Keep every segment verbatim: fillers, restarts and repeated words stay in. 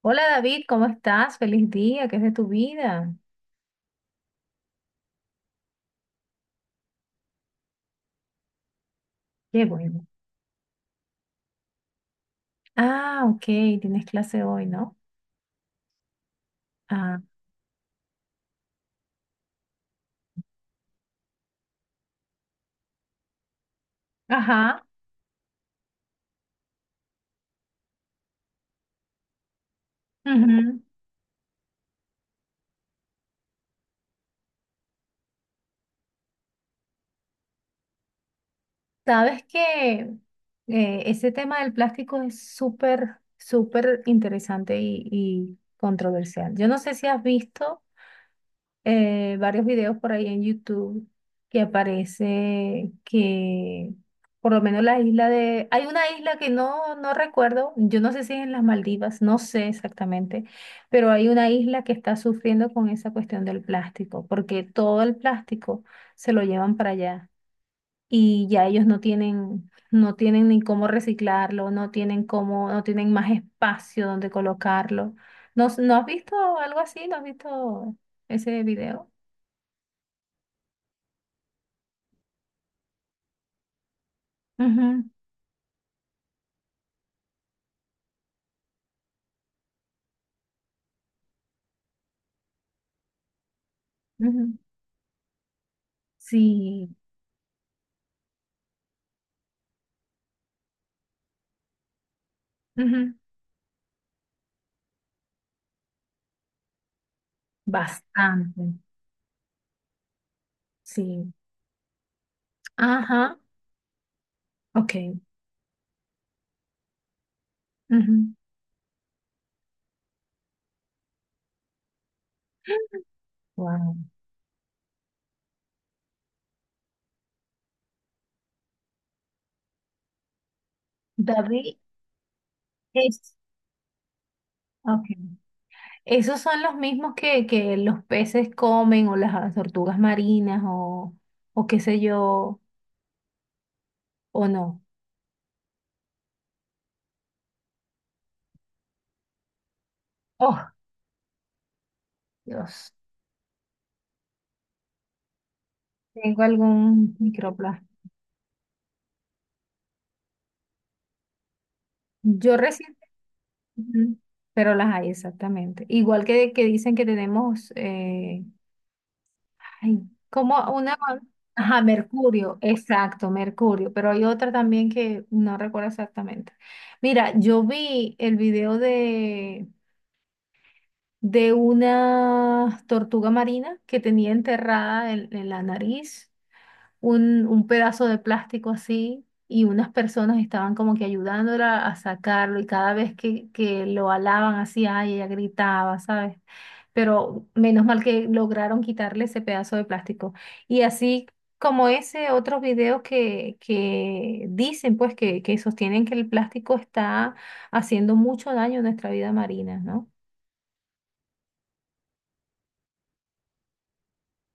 Hola David, ¿cómo estás? Feliz día, ¿qué es de tu vida? Qué bueno. Ah, ok, tienes clase hoy, ¿no? Ah, ajá. Ujú. Sabes que eh, ese tema del plástico es súper, súper interesante y, y controversial. Yo no sé si has visto eh, varios videos por ahí en YouTube que aparece que por lo menos la isla de... Hay una isla que no, no recuerdo, yo no sé si es en las Maldivas, no sé exactamente, pero hay una isla que está sufriendo con esa cuestión del plástico, porque todo el plástico se lo llevan para allá y ya ellos no tienen... No tienen ni cómo reciclarlo, no tienen cómo, no tienen más espacio donde colocarlo. ¿No, no has visto algo así? ¿No has visto ese video? Ujú, ujú. Sí, ujú. Bastante, sí. Ajá, ok. Ujú. Wow. David, es, ok. Esos son los mismos que, que los peces comen o las tortugas marinas o, o qué sé yo, o no. Oh, Dios, tengo algún microplástico. Yo recién, ujú, pero las hay exactamente. Igual que, que dicen que tenemos, eh, ay, como una, ajá, Mercurio, exacto, Mercurio, pero hay otra también que no recuerdo exactamente. Mira, yo vi el video de, de una tortuga marina que tenía enterrada en, en la nariz un, un pedazo de plástico así y unas personas estaban como que ayudándola a sacarlo y cada vez que, que lo alaban así, ay, ella gritaba, ¿sabes? Pero menos mal que lograron quitarle ese pedazo de plástico. Y así como ese otro video que, que dicen, pues, que, que sostienen que el plástico está haciendo mucho daño a nuestra vida marina, ¿no?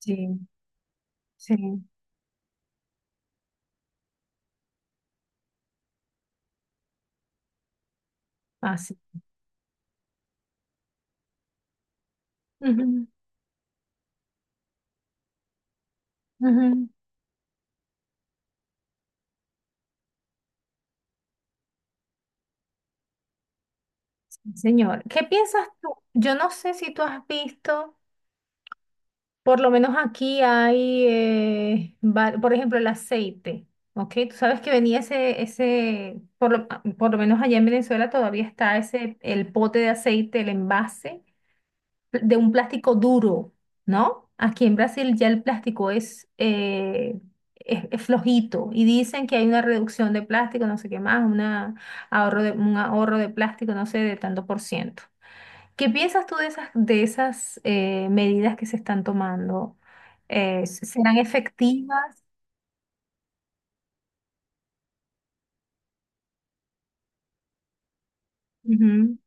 Sí, sí. Así. Ujú, ujú. Sí, señor. ¿Qué piensas tú? Yo no sé si tú has visto. Por lo menos aquí hay, eh, va- por ejemplo, el aceite, ¿ok? Tú sabes que venía ese, ese, por lo, ah, por lo menos allá en Venezuela todavía está ese, el pote de aceite, el envase pl- de un plástico duro, ¿no? Aquí en Brasil ya el plástico es, eh, es, es flojito y dicen que hay una reducción de plástico, no sé qué más, una ahorro de, un ahorro de plástico, no sé, de tanto por ciento. ¿Qué piensas tú de esas, de esas eh, medidas que se están tomando? Eh, s- ¿serán efectivas? Ujú,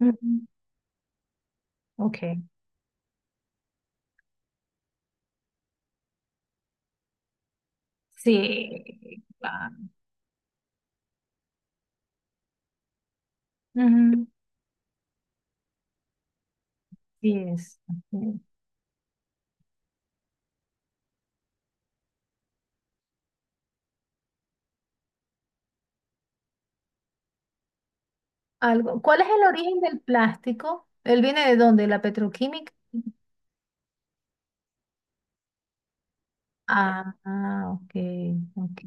ujú. Ok. Sí, claro. Ujú, sí es, ujú. Algo. ¿Cuál es el origen del plástico? ¿Él viene de dónde? ¿La petroquímica? Ah, ah, ok, ok.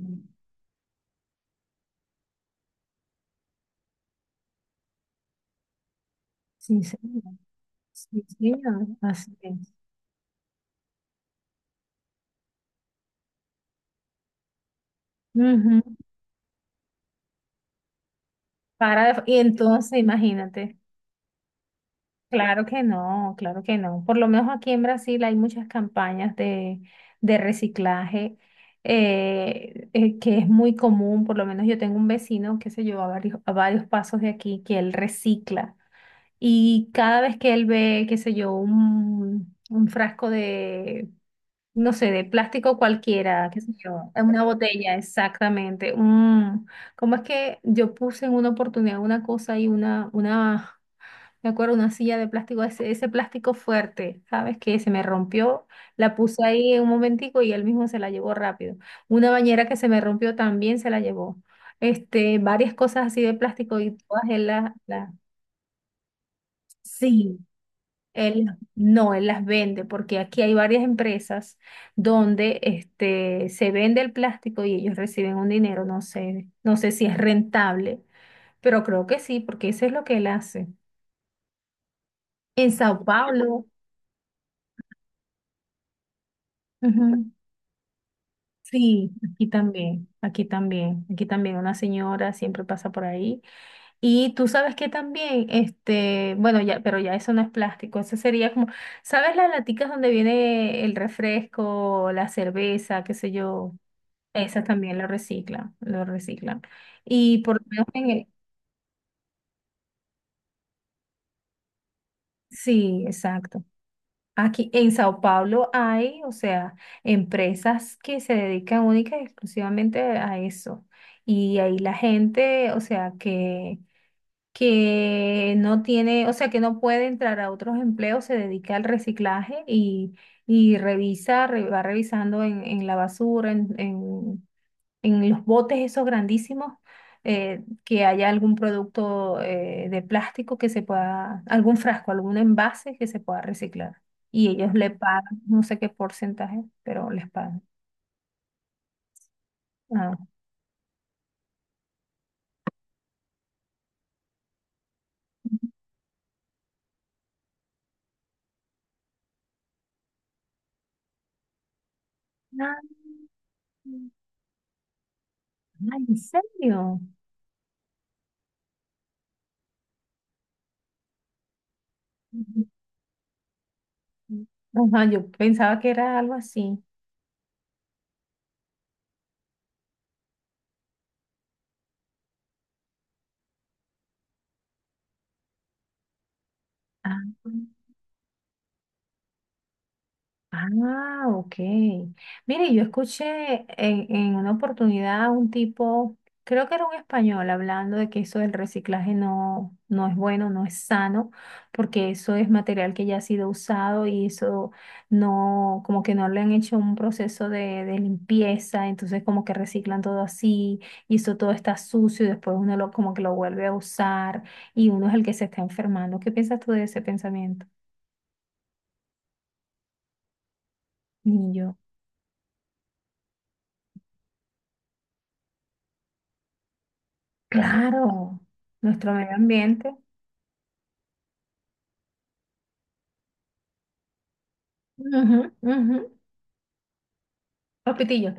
Sí, señor. Sí, señor. Así es. Ujú. Para, y entonces, imagínate. Claro que no, claro que no. Por lo menos aquí en Brasil hay muchas campañas de, de reciclaje eh, eh, que es muy común. Por lo menos yo tengo un vecino, qué sé yo, a varios, a varios pasos de aquí, que él recicla. Y cada vez que él ve, qué sé yo, un, un frasco de, no sé, de plástico cualquiera, qué sé yo, una botella, exactamente. Un, ¿cómo es que yo puse en una oportunidad una cosa y una, una... Me acuerdo una silla de plástico, ese, ese plástico fuerte, ¿sabes? Que se me rompió, la puse ahí en un momentico y él mismo se la llevó rápido. Una bañera que se me rompió también se la llevó. Este, varias cosas así de plástico y todas él las, las- Sí, él no, él las vende porque aquí hay varias empresas donde este, se vende el plástico y ellos reciben un dinero, no sé, no sé si es rentable, pero creo que sí, porque eso es lo que él hace. En Sao Paulo. Ujú. Sí, aquí también, aquí también, aquí también una señora siempre pasa por ahí. Y tú sabes que también, este, bueno, ya, pero ya eso no es plástico, eso sería como, ¿sabes las laticas donde viene el refresco, la cerveza, qué sé yo? Esas también lo reciclan, lo reciclan. Y por lo menos en el, sí, exacto. Aquí en Sao Paulo hay, o sea, empresas que se dedican única y exclusivamente a eso. Y ahí la gente, o sea, que, que no tiene, o sea, que no puede entrar a otros empleos, se dedica al reciclaje y, y revisa, re- va revisando en, en la basura, en, en los botes esos grandísimos, eh, que haya algún producto eh, de plástico que se pueda, algún frasco, algún envase que se pueda reciclar. Y ellos le pagan, no sé qué porcentaje, pero les pagan. Ah, ah, ah, ¿en serio? Ujú. Ajá, yo pensaba que era algo así. Ah. Ah, ok. Mire, yo escuché en, en una oportunidad a un tipo, creo que era un español, hablando de que eso del reciclaje no, no es bueno, no es sano, porque eso es material que ya ha sido usado y eso no, como que no le han hecho un proceso de, de limpieza, entonces como que reciclan todo así y eso todo está sucio y después uno lo, como que lo vuelve a usar y uno es el que se está enfermando. ¿Qué piensas tú de ese pensamiento, ni yo. Claro, nuestro medio ambiente. Ujú, ujú. Los pitillos,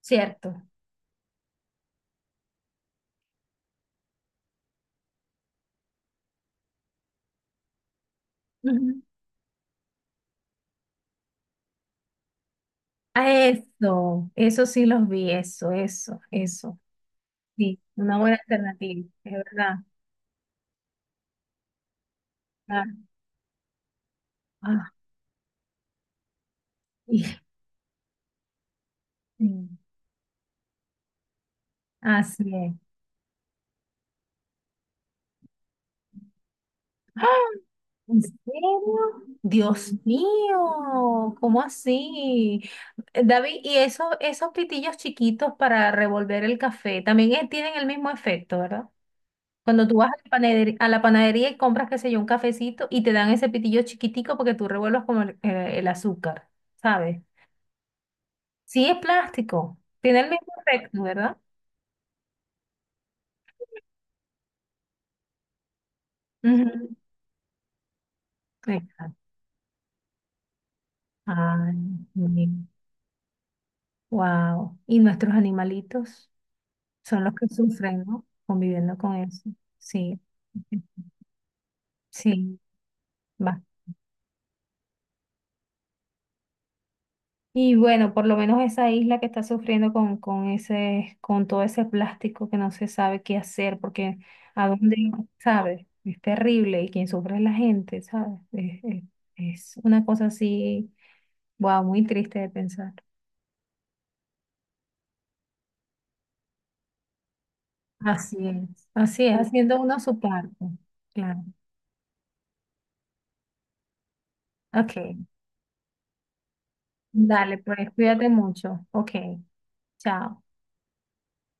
cierto. Ujú. A eso, eso sí los vi, eso, eso, eso. Sí, una buena alternativa, es verdad. Ah, ah, y- sí, así es. ¡Ah! ¿En serio? Dios mío, ¿cómo así? Eh, David, ¿y esos, esos pitillos chiquitos para revolver el café también eh, tienen el mismo efecto, ¿verdad? Cuando tú vas a la panadería, a la panadería y compras, qué sé yo, un cafecito y te dan ese pitillo chiquitico porque tú revuelvas como el, eh, el azúcar, ¿sabes? Sí es plástico, tiene el mismo efecto, ¿verdad? Ujú, exacto. Ay, wow. Y nuestros animalitos son los que sufren, ¿no? Conviviendo con eso. Sí, sí. Y bueno, por lo menos esa isla que está sufriendo con, con ese, con todo ese plástico que no se sabe qué hacer, porque a dónde, ¿sabes? Es terrible y quien sufre es la gente, ¿sabes? Es, es- es una cosa así, wow, muy triste de pensar. Así es, así es, haciendo uno su parte. Claro. Ok, dale, pues cuídate mucho. Ok, chao.